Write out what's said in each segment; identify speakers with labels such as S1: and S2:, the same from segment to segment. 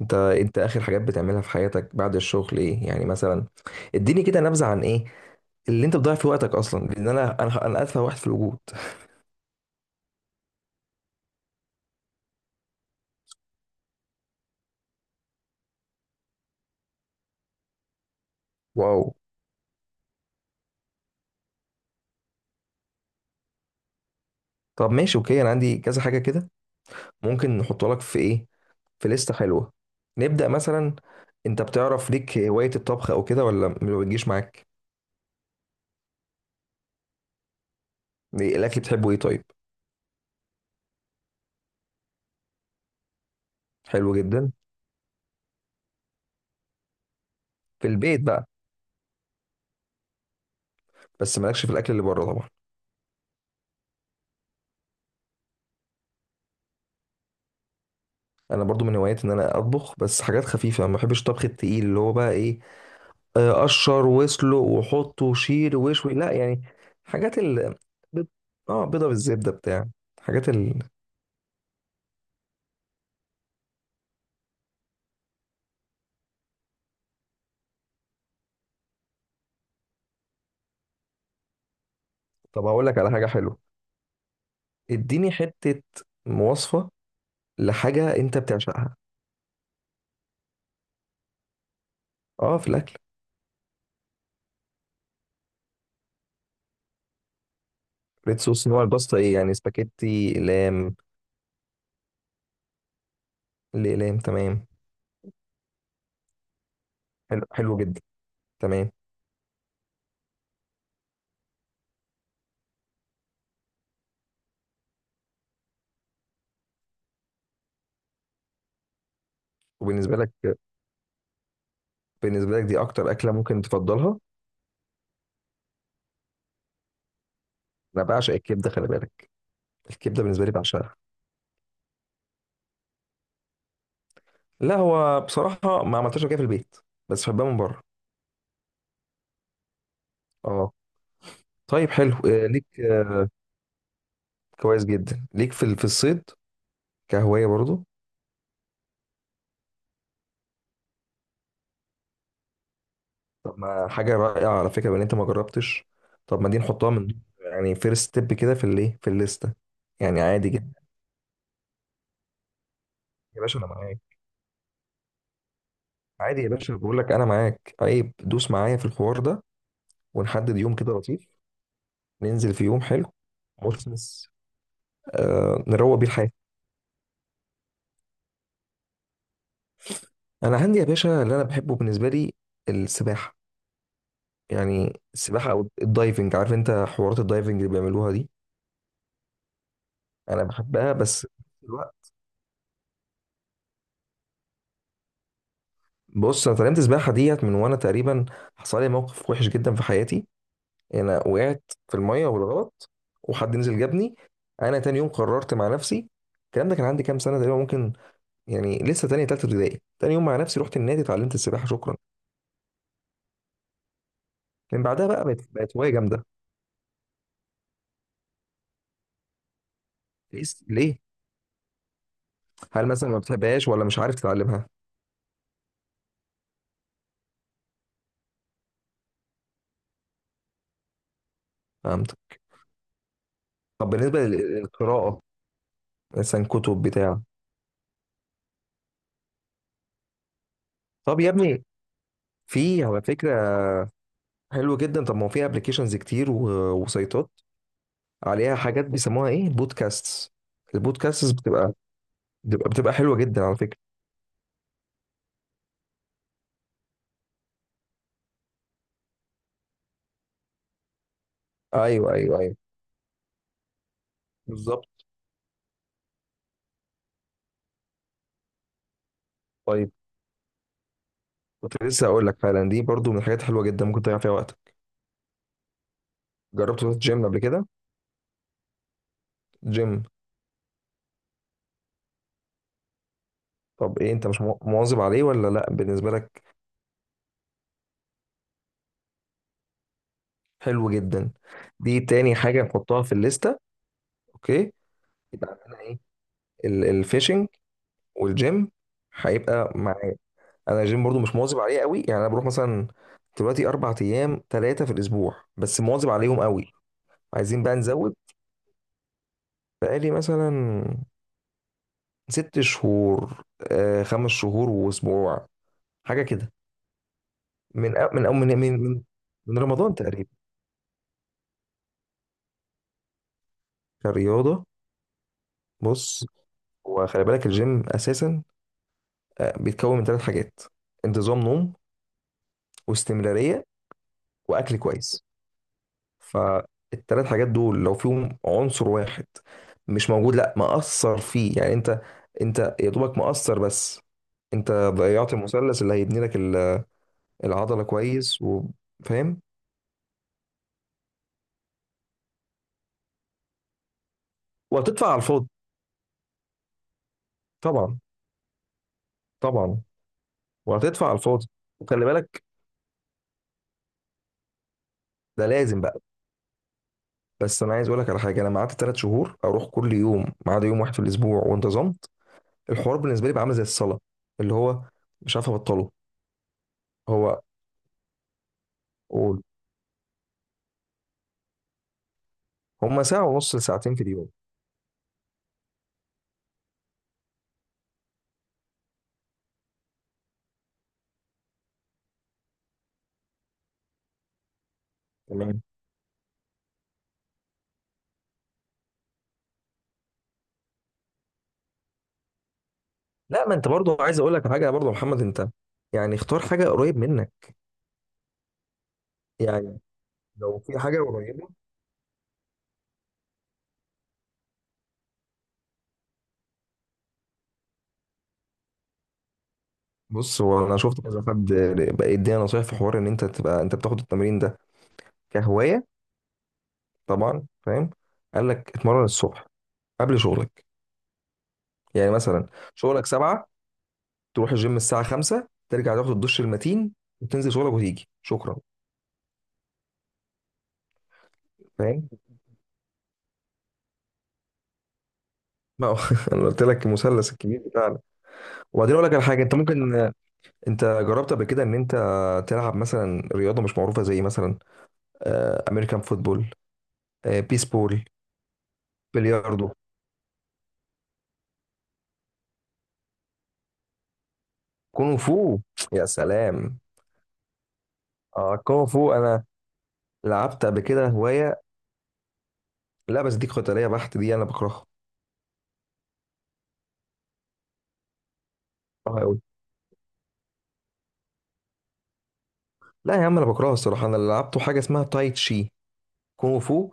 S1: انت اخر حاجات بتعملها في حياتك بعد الشغل ايه؟ يعني مثلا اديني كده نبذه عن ايه اللي انت بتضيع فيه وقتك اصلا، لان انا اتفه واحد في الوجود. واو. طب ماشي، اوكي، انا عندي كذا حاجه كده ممكن نحطها لك في ايه، في لسته حلوه. نبدا مثلا، انت بتعرف ليك هوايه الطبخ او كده ولا ما بتجيش معاك؟ ايه الاكل بتحبه ايه طيب؟ حلو جدا، في البيت بقى؟ بس مالكش في الاكل اللي بره طبعا. انا برضو من هواياتي ان انا اطبخ، بس حاجات خفيفه، ما بحبش الطبخ التقيل اللي هو بقى ايه، قشر واسلق وحط وشيل وشوي، لا يعني. حاجات ال بيض- اه بيضه بالزبده بتاع، حاجات ال. طب هقول لك على حاجه حلوه. اديني حته مواصفه لحاجه انت بتعشقها. اه في الاكل. ريد صوص، نوع الباستا ايه يعني؟ سباكيتي، اقلام؟ الاقلام، تمام. حلو، حلو جدا. تمام. وبالنسبه لك، بالنسبه لك دي اكتر اكله ممكن تفضلها؟ انا بعشق الكبده، خلي بالك. الكبده بالنسبه لي بعشقها. لا، هو بصراحه ما عملتهاش قبل كده في البيت، بس بحبها من بره. اه طيب، حلو. ليك كويس جدا ليك في في الصيد كهواية برضو؟ طب ما حاجة رائعة على فكرة، بان انت ما جربتش. طب ما دي نحطها من، يعني فيرست ستيب كده، في الايه، في الليستة. يعني عادي جدا. يا باشا انا معاك. عادي يا باشا، بقول لك انا معاك، عيب، دوس معايا في الحوار ده. ونحدد يوم كده لطيف، ننزل في يوم حلو. مثمث. آه، نروق بيه الحياة. انا عندي يا باشا اللي انا بحبه بالنسبة لي السباحة. يعني السباحة او الدايفنج، عارف انت حوارات الدايفنج اللي بيعملوها دي؟ انا بحبها، بس في نفس الوقت. بص، انا اتعلمت السباحه ديت من وانا تقريبا، حصل لي موقف وحش جدا في حياتي، انا وقعت في الميه بالغلط وحد نزل جابني. انا تاني يوم قررت مع نفسي، الكلام ده كان عندي كام سنه تقريبا، ممكن يعني لسه تانية تالتة ابتدائي، تاني يوم مع نفسي رحت النادي اتعلمت السباحه، شكرا. من بعدها بقى بقت هوايه جامده. ليه؟ ليه؟ هل مثلا ما بتحبهاش ولا مش عارف تتعلمها؟ فهمت. طب بالنسبه للقراءه، مثلا كتب بتاع؟ طب يا ابني، في على فكره، حلو جدا. طب ما هو في ابلكيشنز كتير وسيطات، عليها حاجات بيسموها ايه، بودكاستس. البودكاستس بتبقى حلوه جدا على فكره. ايوه ايوه ايوه، بالظبط. طيب كنت لسه اقول لك، فعلا دي برضو من الحاجات الحلوه جدا ممكن تضيع فيها وقتك. جربت تروح جيم قبل كده؟ جيم. طب ايه، انت مش مواظب عليه ولا لا بالنسبه لك؟ حلو جدا. دي تاني حاجه نحطها في الليسته. اوكي، يبقى عندنا ايه، الفishing والجيم. هيبقى مع، انا الجيم برضو مش مواظب عليه قوي، يعني انا بروح مثلا دلوقتي 4 ايام 3 في الاسبوع، بس مواظب عليهم قوي. عايزين بقى نزود. بقالي مثلا 6 شهور، آه 5 شهور واسبوع، حاجه كده. من من رمضان تقريبا. كرياضه، بص، وخلي بالك الجيم اساسا بيتكون من 3 حاجات: انتظام نوم، واستمراريه، واكل كويس. فالتلات حاجات دول لو فيهم عنصر واحد مش موجود، لا مأثر فيه، يعني انت، انت يا دوبك مأثر بس، انت ضيعت المثلث اللي هيبني لك العضلة كويس، وفاهم. وهتدفع على الفاضي. طبعا، طبعا. وهتدفع على الفاضي، وخلي بالك، ده لازم بقى. بس انا عايز اقول لك على حاجه، انا قعدت 3 شهور اروح كل يوم، ما عدا يوم واحد في الاسبوع، وانتظمت. الحوار بالنسبه لي بقى عامل زي الصلاه، اللي هو مش عارف ابطله. هو، قول. هما ساعه ونص لساعتين في اليوم. تمام. لا ما انت برضو عايز اقول لك حاجه برضو يا محمد، انت يعني اختار حاجه قريب منك، يعني لو في حاجه قريبه. بص، هو انا شفت كذا حد بقى يدينا نصايح في حوار ان انت تبقى انت بتاخد التمرين ده كهوايه، طبعا فاهم، قال لك اتمرن الصبح قبل شغلك. يعني مثلا شغلك 7، تروح الجيم الساعه 5، ترجع تاخد الدش المتين، وتنزل شغلك، وتيجي، شكرا. فاهم، ما هو انا قلت لك المثلث الكبير بتاعنا. وبعدين اقول لك على حاجه انت ممكن، انت جربت قبل كده ان انت تلعب مثلا رياضه مش معروفه، زي مثلا امريكان فوتبول، بيسبول، بلياردو، كونغ فو، يا سلام. اه كونغ فو، انا لعبت قبل كده هوايه. لا بس دي قتاليه بحت، دي انا بكرهها، بكرهها قوي. لا يا عم انا بكرهها الصراحه، انا اللي لعبته حاجه اسمها تاي تشي، كونغ فو،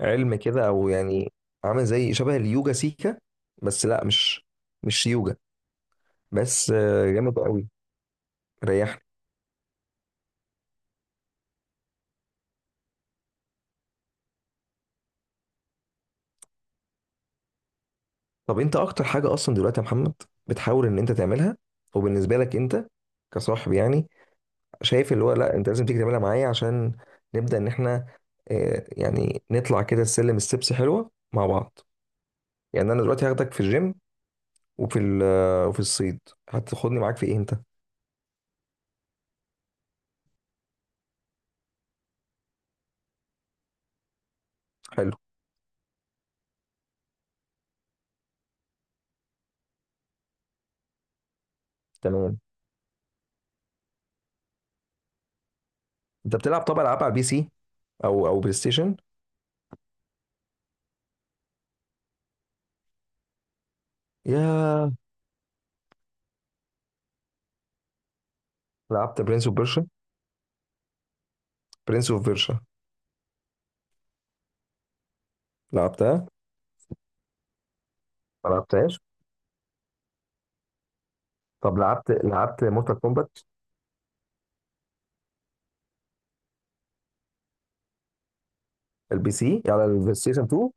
S1: علم كده او يعني، عامل زي شبه اليوجا سيكا، بس لا مش، مش يوجا، بس جامد قوي، ريحني. طب انت اكتر حاجه اصلا دلوقتي يا محمد بتحاول ان انت تعملها، وبالنسبه لك انت كصاحب يعني، شايف اللي هو لا انت لازم تيجي تعملها معايا عشان نبدا ان احنا يعني نطلع كده السلم، ستيبس حلوه مع بعض. يعني انا دلوقتي هاخدك في الجيم، وفي وفي الصيد، هتاخدني معاك في ايه انت؟ حلو، تمام. انت بتلعب طبعا العاب على البي سي او بلاي ستيشن؟ يا، لعبت برنس اوف بيرشا؟ برنس اوف بيرشا، لعبتها؟ ما لعبتهاش. طب لعبت، لعبت مورتال كومبات؟ البي سي على البلاي ستيشن 2،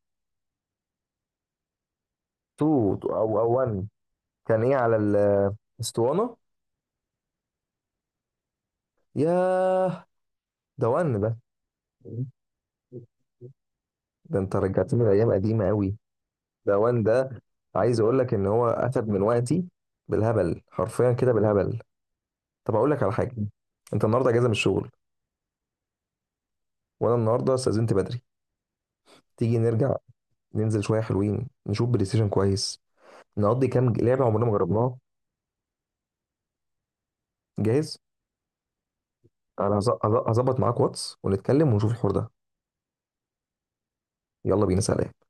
S1: 2 او 1. كان ايه على الاسطوانه؟ ياه، ده ون ده. ده انت رجعتني لايام قديمه قوي. ده وان ده. عايز اقول لك ان هو اخد من وقتي بالهبل، حرفيا كده بالهبل. طب اقول لك على حاجه، انت النهارده اجازه من الشغل، وانا النهارده استاذنت بدري. تيجي نرجع ننزل شويه حلوين، نشوف بلاي ستيشن كويس، نقضي كام لعبه عمرنا ما جربناها. جاهز. انا هظبط معاك واتس ونتكلم ونشوف الحوار ده. يلا بينا، سلام.